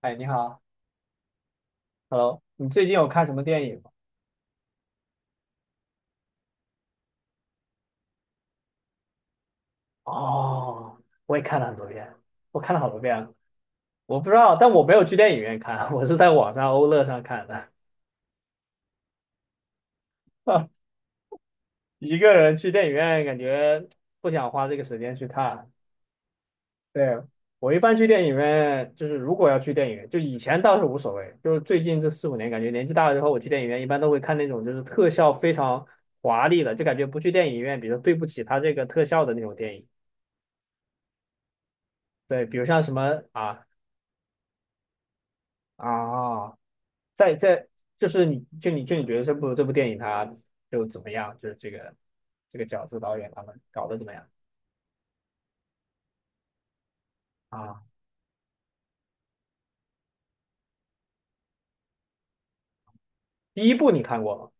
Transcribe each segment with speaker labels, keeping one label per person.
Speaker 1: 哎，你好，Hello，你最近有看什么电影吗？哦，我也看了很多遍。我看了好多遍了，我不知道，但我没有去电影院看，我是在网上欧乐上看的。一个人去电影院，感觉不想花这个时间去看。对，我一般去电影院，就是如果要去电影院，就以前倒是无所谓，就是最近这四五年，感觉年纪大了之后，我去电影院一般都会看那种就是特效非常华丽的，就感觉不去电影院，比如说对不起他这个特效的那种电影。对，比如像什么啊啊，在就是你觉得这部电影它就怎么样？就是这个饺子导演他们搞的怎么样啊？第一部你看过吗？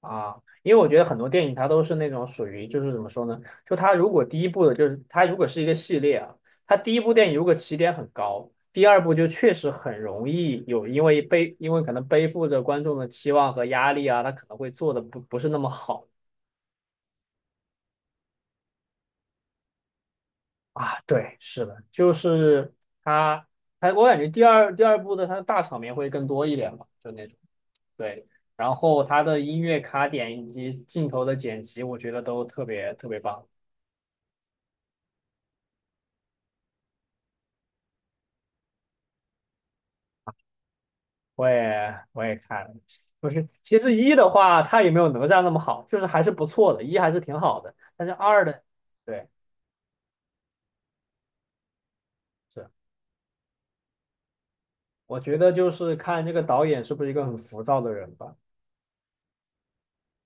Speaker 1: 啊，因为我觉得很多电影它都是那种属于就是怎么说呢？就是它如果是一个系列啊，它第一部电影如果起点很高，第二部就确实很容易有因为可能背负着观众的期望和压力啊，它可能会做的不是那么好。啊，对，是的，就是他，他，我感觉第二部的他的大场面会更多一点吧，就那种，对，然后他的音乐卡点以及镜头的剪辑，我觉得都特别特别棒。我也看了，不是，其实一的话，他也没有哪吒那么好，就是还是不错的，一还是挺好的，但是二的，对，是，我觉得就是看这个导演是不是一个很浮躁的人吧，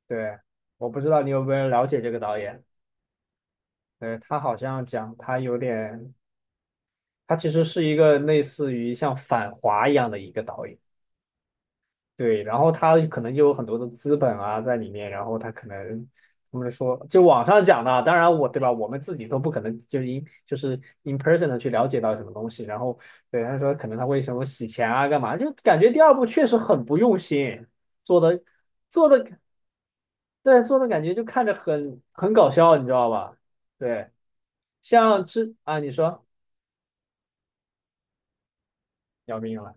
Speaker 1: 对。我不知道你有没有了解这个导演，对，他好像讲他有点他其实是一个类似于像反华一样的一个导演，对，然后他可能就有很多的资本啊在里面，然后他可能他们说，就网上讲的啊当然我对吧，我们自己都不可能就是 in person 的去了解到什么东西，然后对他说可能他会什么洗钱啊干嘛，就感觉第二部确实很不用心做的做的对做的感觉就看着很搞笑，你知道吧？对，像之啊你说要命了，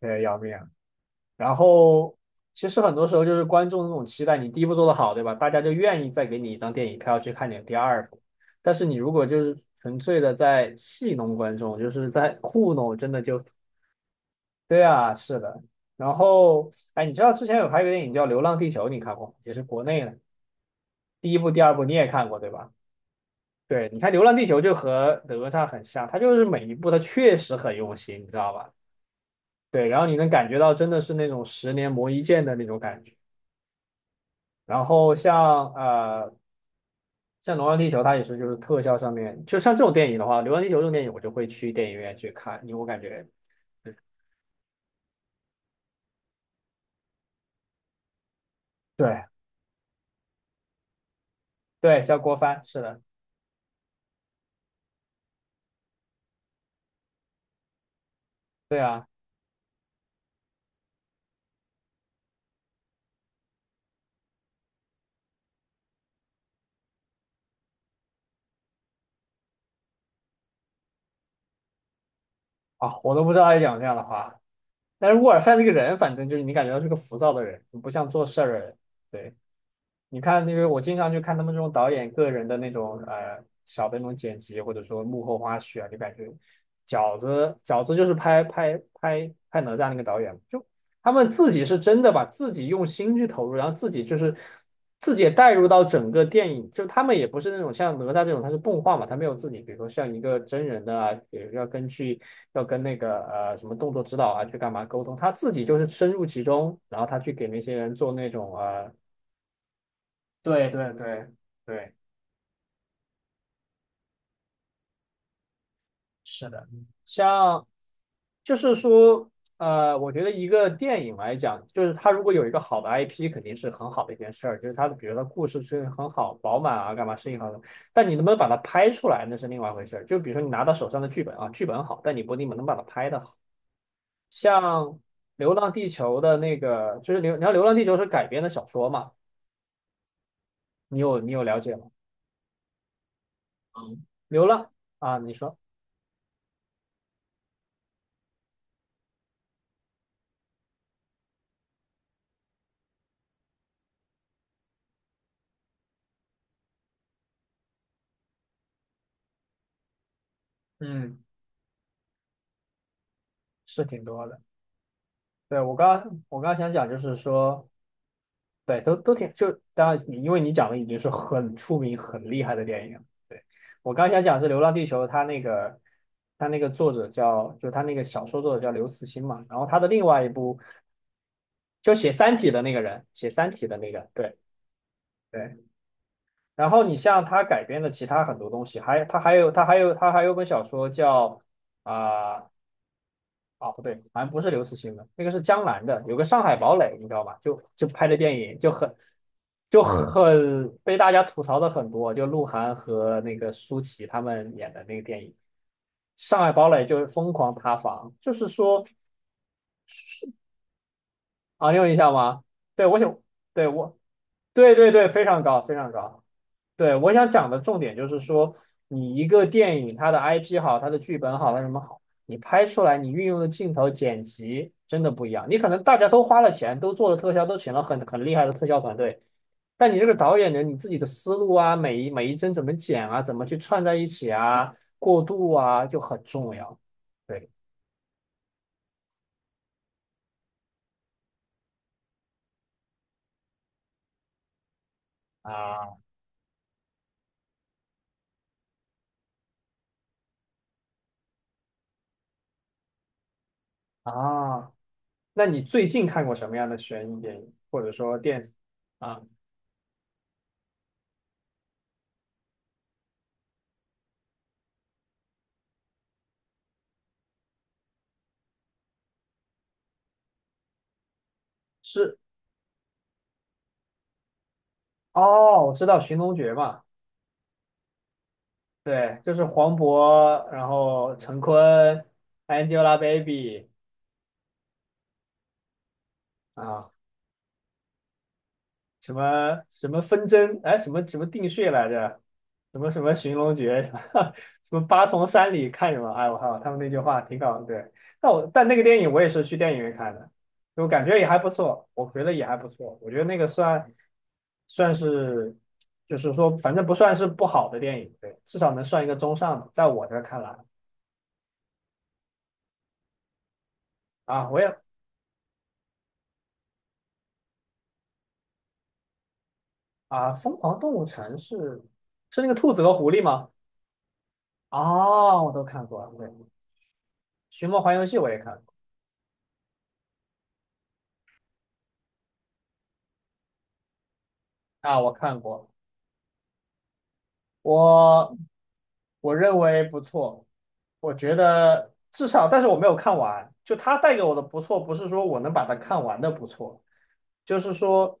Speaker 1: 对要命了。然后其实很多时候就是观众那种期待，你第一部做的好，对吧？大家就愿意再给你一张电影票去看你的第二部。但是你如果就是纯粹的在戏弄观众，就是在糊弄，真的就对啊，是的。然后哎，你知道之前有拍一个电影叫《流浪地球》，你看过吗？也是国内的，第一部、第二部你也看过，对吧？对，你看《流浪地球》就和哪吒很像，它就是每一部它确实很用心，你知道吧？对，然后你能感觉到真的是那种十年磨一剑的那种感觉。然后像《流浪地球》，它也是就是特效上面，就像这种电影的话，《流浪地球》这种电影我就会去电影院去看，因为我感觉对，对叫郭帆，是的，对啊，啊我都不知道他讲这样的话。但是沃尔善这个人，反正就是你感觉到是个浮躁的人，不像做事儿的人。对。你看那个，我经常去看他们这种导演个人的那种小的那种剪辑，或者说幕后花絮啊，就感觉饺子就是拍哪吒那个导演，就他们自己是真的把自己用心去投入，然后自己就是自己也带入到整个电影，就他们也不是那种像哪吒这种，它是动画嘛，他没有自己，比如说像一个真人的啊，比如要根据要跟那个什么动作指导啊去干嘛沟通，他自己就是深入其中，然后他去给那些人做那种。对对对对，是的，像就是说，我觉得一个电影来讲，就是它如果有一个好的 IP，肯定是很好的一件事儿，就是它的，比如它故事是很好、饱满啊，干嘛适应好的。但你能不能把它拍出来，那是另外一回事儿。就比如说你拿到手上的剧本啊，剧本好，但你不一定能把它拍的好。像《流浪地球》的那个，就是流，你看《流浪地球》是改编的小说嘛，你有了解吗？嗯，流浪啊，你说，嗯，是挺多的。对，我刚刚想讲，就是说，对，都挺，就当然你因为你讲的已经是很出名、很厉害的电影了对，我刚刚想讲是《流浪地球》，它那个它那个作者叫，就它那个小说作者叫刘慈欣嘛，然后他的另外一部就写《三体》的那个人，写《三体》的那个，对对。然后你像他改编的其他很多东西，还他还有他还有他还有本小说叫啊、不对，好像不是刘慈欣的，那个是江南的，有个《上海堡垒》，你知道吧？就拍的电影就很被大家吐槽的很多，就鹿晗和那个舒淇他们演的那个电影。上海堡垒就是疯狂塌房，就是说啊，你有印象吗？对，我想，对我，对对对，非常高，非常高。对，我想讲的重点就是说，你一个电影，它的 IP 好，它的剧本好，它什么好，你拍出来，你运用的镜头、剪辑真的不一样。你可能大家都花了钱，都做了特效，都请了很厉害的特效团队，但你这个导演呢，你自己的思路啊，每一帧怎么剪啊，怎么去串在一起啊，过渡啊，就很重要。对啊啊，那你最近看过什么样的悬疑电影，或者说电视啊？是哦，我知道《寻龙诀》嘛。对，就是黄渤，然后陈坤，Angelababy 啊，什么什么纷争，哎，什么什么定穴来着，什么什么寻龙诀，什么什么八重山里看什么，哎，我靠，他们那句话挺搞，对。但那个电影我也是去电影院看的，我感觉也还不错，我觉得也还不错，我觉得那个算是，就是说反正不算是不好的电影，对，至少能算一个中上的，在我这儿看来啊，我也啊，《疯狂动物城》是那个兔子和狐狸吗？啊，我都看过，对，《寻梦环游记》我也看过啊，我看过，我。我认为不错，我觉得至少，但是我没有看完。就它带给我的不错，不是说我能把它看完的不错，就是说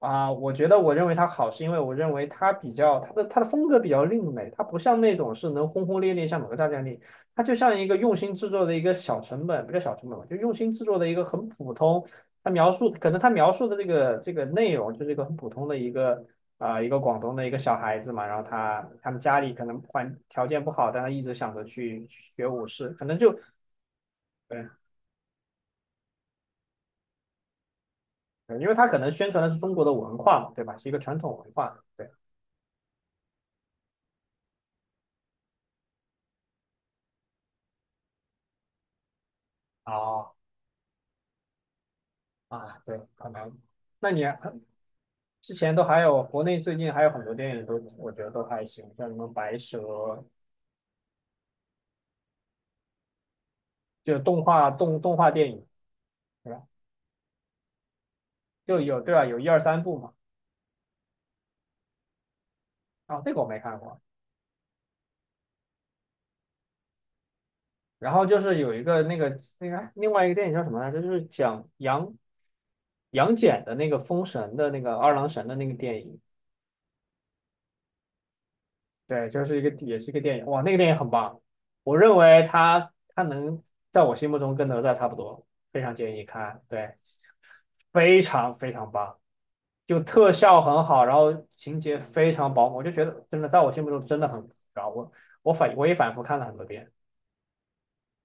Speaker 1: 啊、我觉得我认为它好，是因为我认为它比较它的风格比较另类，它不像那种是能轰轰烈烈像哪个大战力，它就像一个用心制作的一个小成本，不叫小成本吧，就用心制作的一个很普通。它描述可能它描述的这个内容就是一个很普通的一个啊，一个广东的一个小孩子嘛，然后他们家里可能环条件不好，但他一直想着去学武士，可能就对，对因为他可能宣传的是中国的文化嘛，对吧？是一个传统文化，对，哦啊，对，可能。那你之前都还有国内最近还有很多电影都，我觉得都还行，像什么白蛇，就动画电影，对吧？就有对吧？有一二三部嘛，啊、这个我没看过。然后就是有一个那个另外一个电影叫什么来着？就是讲羊。杨戬的那个封神的那个二郎神的那个电影，对，就是一个也是一个电影，哇，那个电影很棒，我认为他能在我心目中跟哪吒差不多，非常建议看，对，非常非常棒，就特效很好，然后情节非常饱满，我就觉得真的在我心目中真的很高，我反复看了很多遍，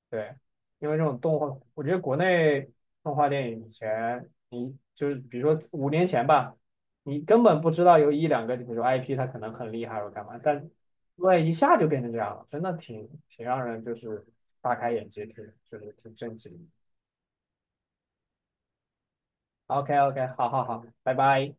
Speaker 1: 对，因为这种动画，我觉得国内动画电影以前，你就是比如说5年前吧，你根本不知道有一两个，比如说 IP，它可能很厉害或者干嘛，但对一下就变成这样了，真的挺让人就是大开眼界，挺就是挺震惊。OK OK，好好好，拜拜。